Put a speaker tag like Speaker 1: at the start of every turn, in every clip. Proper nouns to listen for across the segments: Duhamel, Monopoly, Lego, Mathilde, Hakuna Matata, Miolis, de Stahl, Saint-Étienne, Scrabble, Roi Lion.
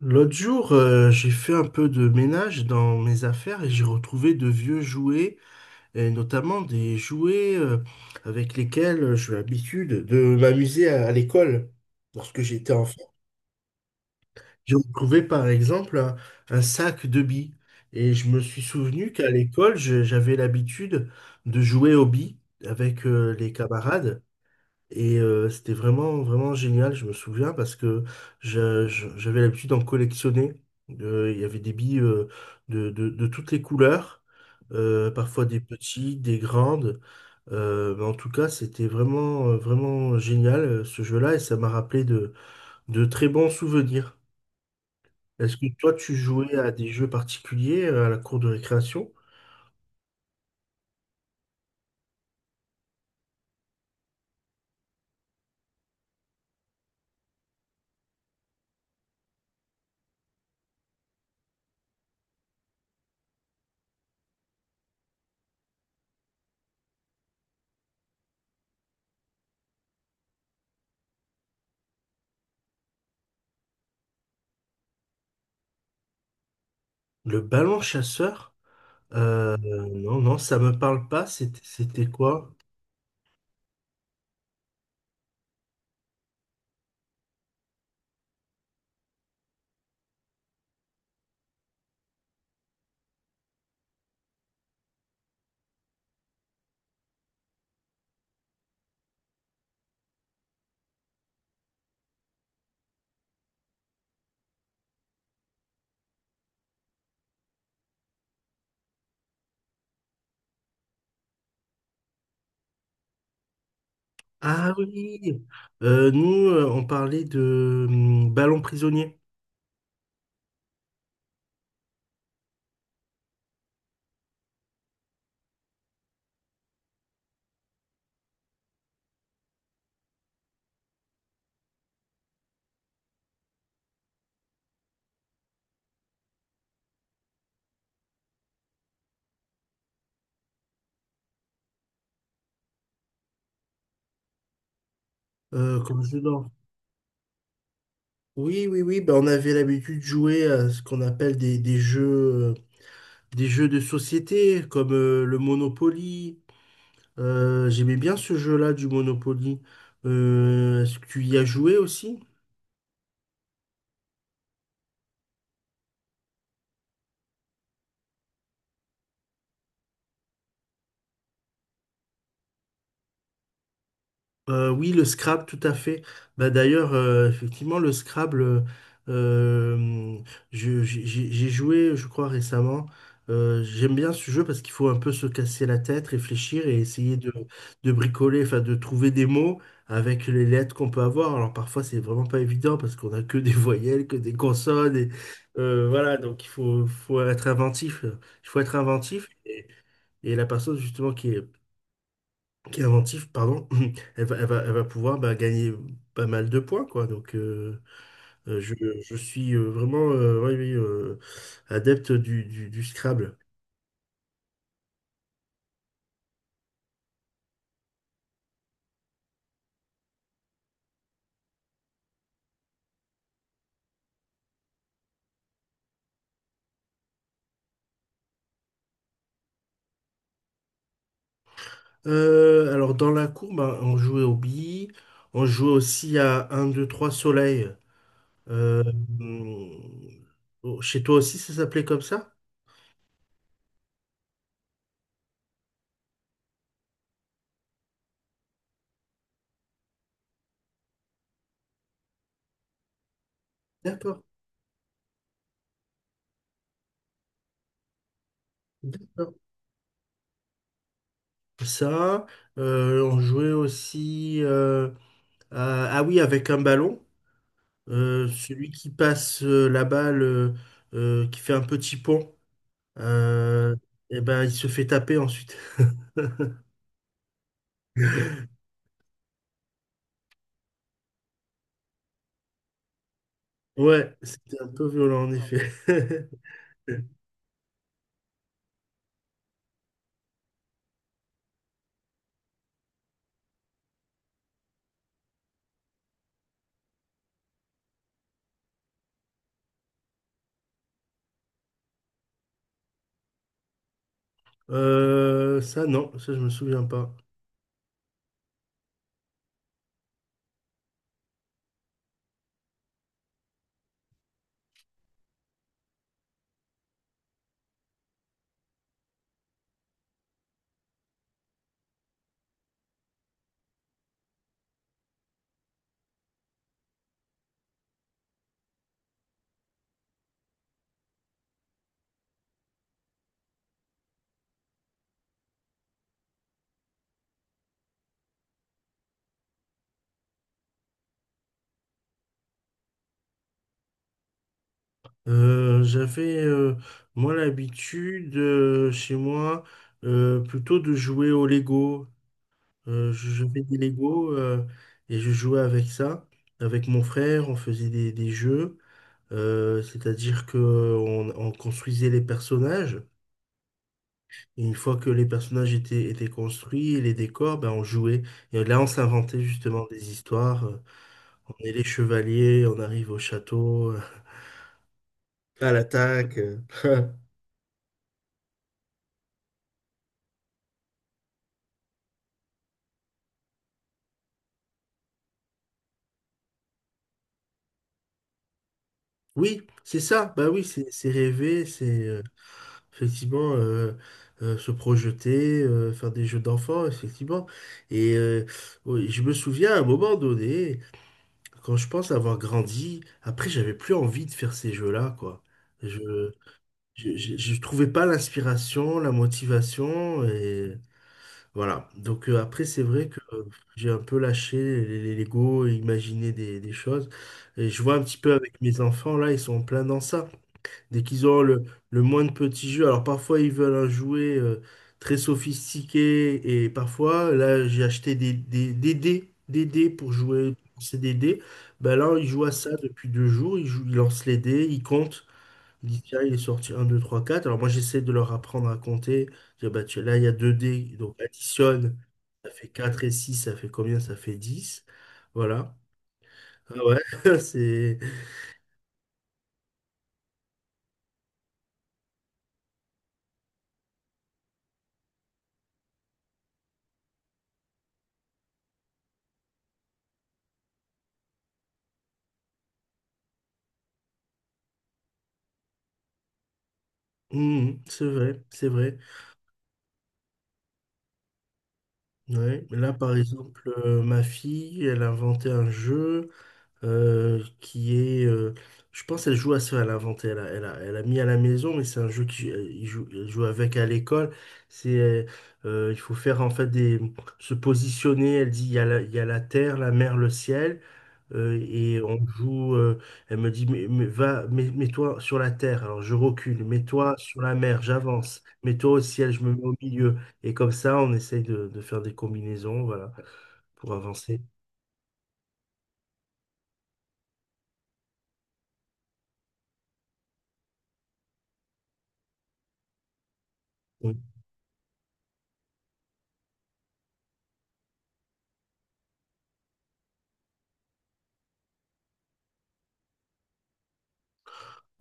Speaker 1: L'autre jour, j'ai fait un peu de ménage dans mes affaires et j'ai retrouvé de vieux jouets, et notamment des jouets, avec lesquels j'ai l'habitude de m'amuser à l'école lorsque j'étais enfant. J'ai retrouvé par exemple un sac de billes et je me suis souvenu qu'à l'école, j'avais l'habitude de jouer aux billes avec, les camarades. Et, c'était vraiment, vraiment génial, je me souviens, parce que j'avais l'habitude d'en collectionner. Il y avait des billes, de toutes les couleurs, parfois des petites, des grandes. Mais en tout cas, c'était vraiment, vraiment génial, ce jeu-là, et ça m'a rappelé de très bons souvenirs. Est-ce que toi, tu jouais à des jeux particuliers, à la cour de récréation? Le ballon chasseur? Non, non, ça me parle pas. C'était quoi? Ah oui. Nous, on parlait de, ballon prisonnier, comme jeu d'or. Oui, oui, oui, bah, on avait l'habitude de jouer à ce qu'on appelle des jeux, des jeux de société comme, le Monopoly. J'aimais bien ce jeu-là du Monopoly. Est-ce que tu y as joué aussi? Oui, le Scrabble, tout à fait. Bah, d'ailleurs, effectivement, le Scrabble, euh, j'ai joué, je crois, récemment. J'aime bien ce jeu parce qu'il faut un peu se casser la tête, réfléchir et essayer de bricoler, enfin de trouver des mots avec les lettres qu'on peut avoir. Alors parfois, c'est vraiment pas évident parce qu'on a que des voyelles, que des consonnes. Et, voilà, donc il faut être inventif. Il faut être inventif. Et, la personne, justement, qui est, inventive, pardon, elle va pouvoir, bah, gagner pas mal de points, quoi. Donc, euh, je, je suis, vraiment, oui, oui, adepte du Scrabble. Alors, dans la cour, bah, on jouait aux billes, on jouait aussi à un, 2, 3 soleil. Euh, chez toi aussi, ça s'appelait comme ça? D'accord, d'accord. Ça, on jouait aussi, ah oui, avec un ballon. Celui qui passe, la balle, qui fait un petit pont, euh, et ben, il se fait taper ensuite. Ouais, c'était un peu violent en effet. Ça, non, ça, je me souviens pas. J'avais, moi, l'habitude, chez moi, plutôt de jouer au Lego. Je j'avais des Lego, et je jouais avec ça. Avec mon frère, on faisait des jeux. C'est-à-dire que on construisait les personnages, et une fois que les personnages étaient construits, les décors, ben, on jouait. Et là, on s'inventait justement des histoires. On est les chevaliers, on arrive au château, à l'attaque. Oui, c'est ça. Bah oui, c'est rêver, c'est, effectivement, se projeter, faire des jeux d'enfants, effectivement. Et oui, je me souviens à un moment donné. Quand je pense avoir grandi, après, j'avais plus envie de faire ces jeux-là, quoi. Je, je trouvais pas l'inspiration, la motivation, et voilà. Donc, après, c'est vrai que, j'ai un peu lâché les Lego et imaginé des choses. Et je vois un petit peu avec mes enfants, là, ils sont en plein dans ça. Dès qu'ils ont le moins de petits jeux, alors parfois ils veulent un jouet, très sophistiqué, et parfois, là j'ai acheté des dés, des dés pour jouer, c'est des dés. Ben là, ils jouent à ça depuis 2 jours, ils jouent, ils lancent les dés, ils comptent, ils disent tiens, il est sorti un 2 3 4. Alors moi j'essaie de leur apprendre à compter, dire bah, là il y a 2 dés, donc additionne, ça fait 4 et six, ça fait combien? Ça fait 10. Voilà. Ah ouais, c'est. Mhm, c'est vrai, c'est vrai. Ouais, mais là par exemple, ma fille, elle a inventé un jeu, qui est, je pense, elle joue à ça, elle a inventé, elle a mis à la maison, mais c'est un jeu qui, il joue, elle joue avec à l'école. C'est, il faut faire en fait se positionner. Elle dit, il y a la terre, la mer, le ciel. Et on joue, elle me dit, mais va, mets-toi sur la terre, alors je recule, mets-toi sur la mer, j'avance, mets-toi au ciel, je me mets au milieu. Et comme ça, on essaye de faire des combinaisons, voilà, pour avancer. Oui.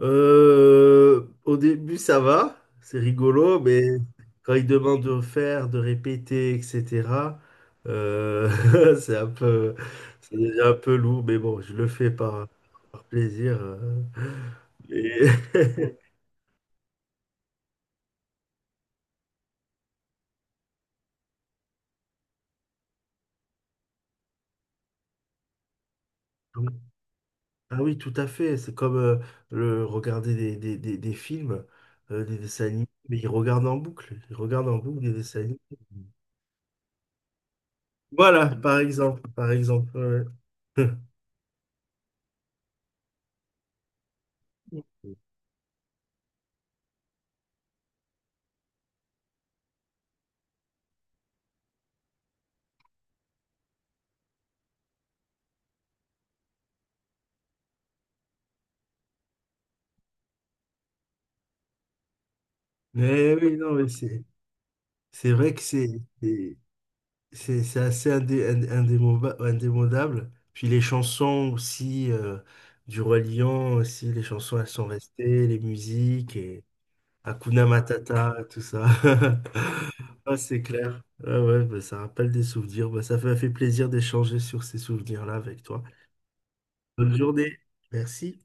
Speaker 1: Au début, ça va, c'est rigolo, mais quand ils demandent de faire, de répéter, etc., euh, c'est un peu, c'est déjà un peu lourd, mais bon, je le fais par plaisir. Et- Ah oui, tout à fait. C'est comme, le regarder des films, des dessins animés, mais ils regardent en boucle. Ils regardent en boucle des dessins animés. Voilà, par exemple, par exemple. Ouais. Mais oui, non, mais c'est vrai que c'est assez indémodable. Puis les chansons aussi, du Roi Lion aussi, les chansons elles sont restées, les musiques Hakuna Matata, tout ça. Ah, c'est clair. Ah ouais, bah, ça rappelle des souvenirs. Bah, ça m'a fait plaisir d'échanger sur ces souvenirs-là avec toi. Bonne journée. Merci.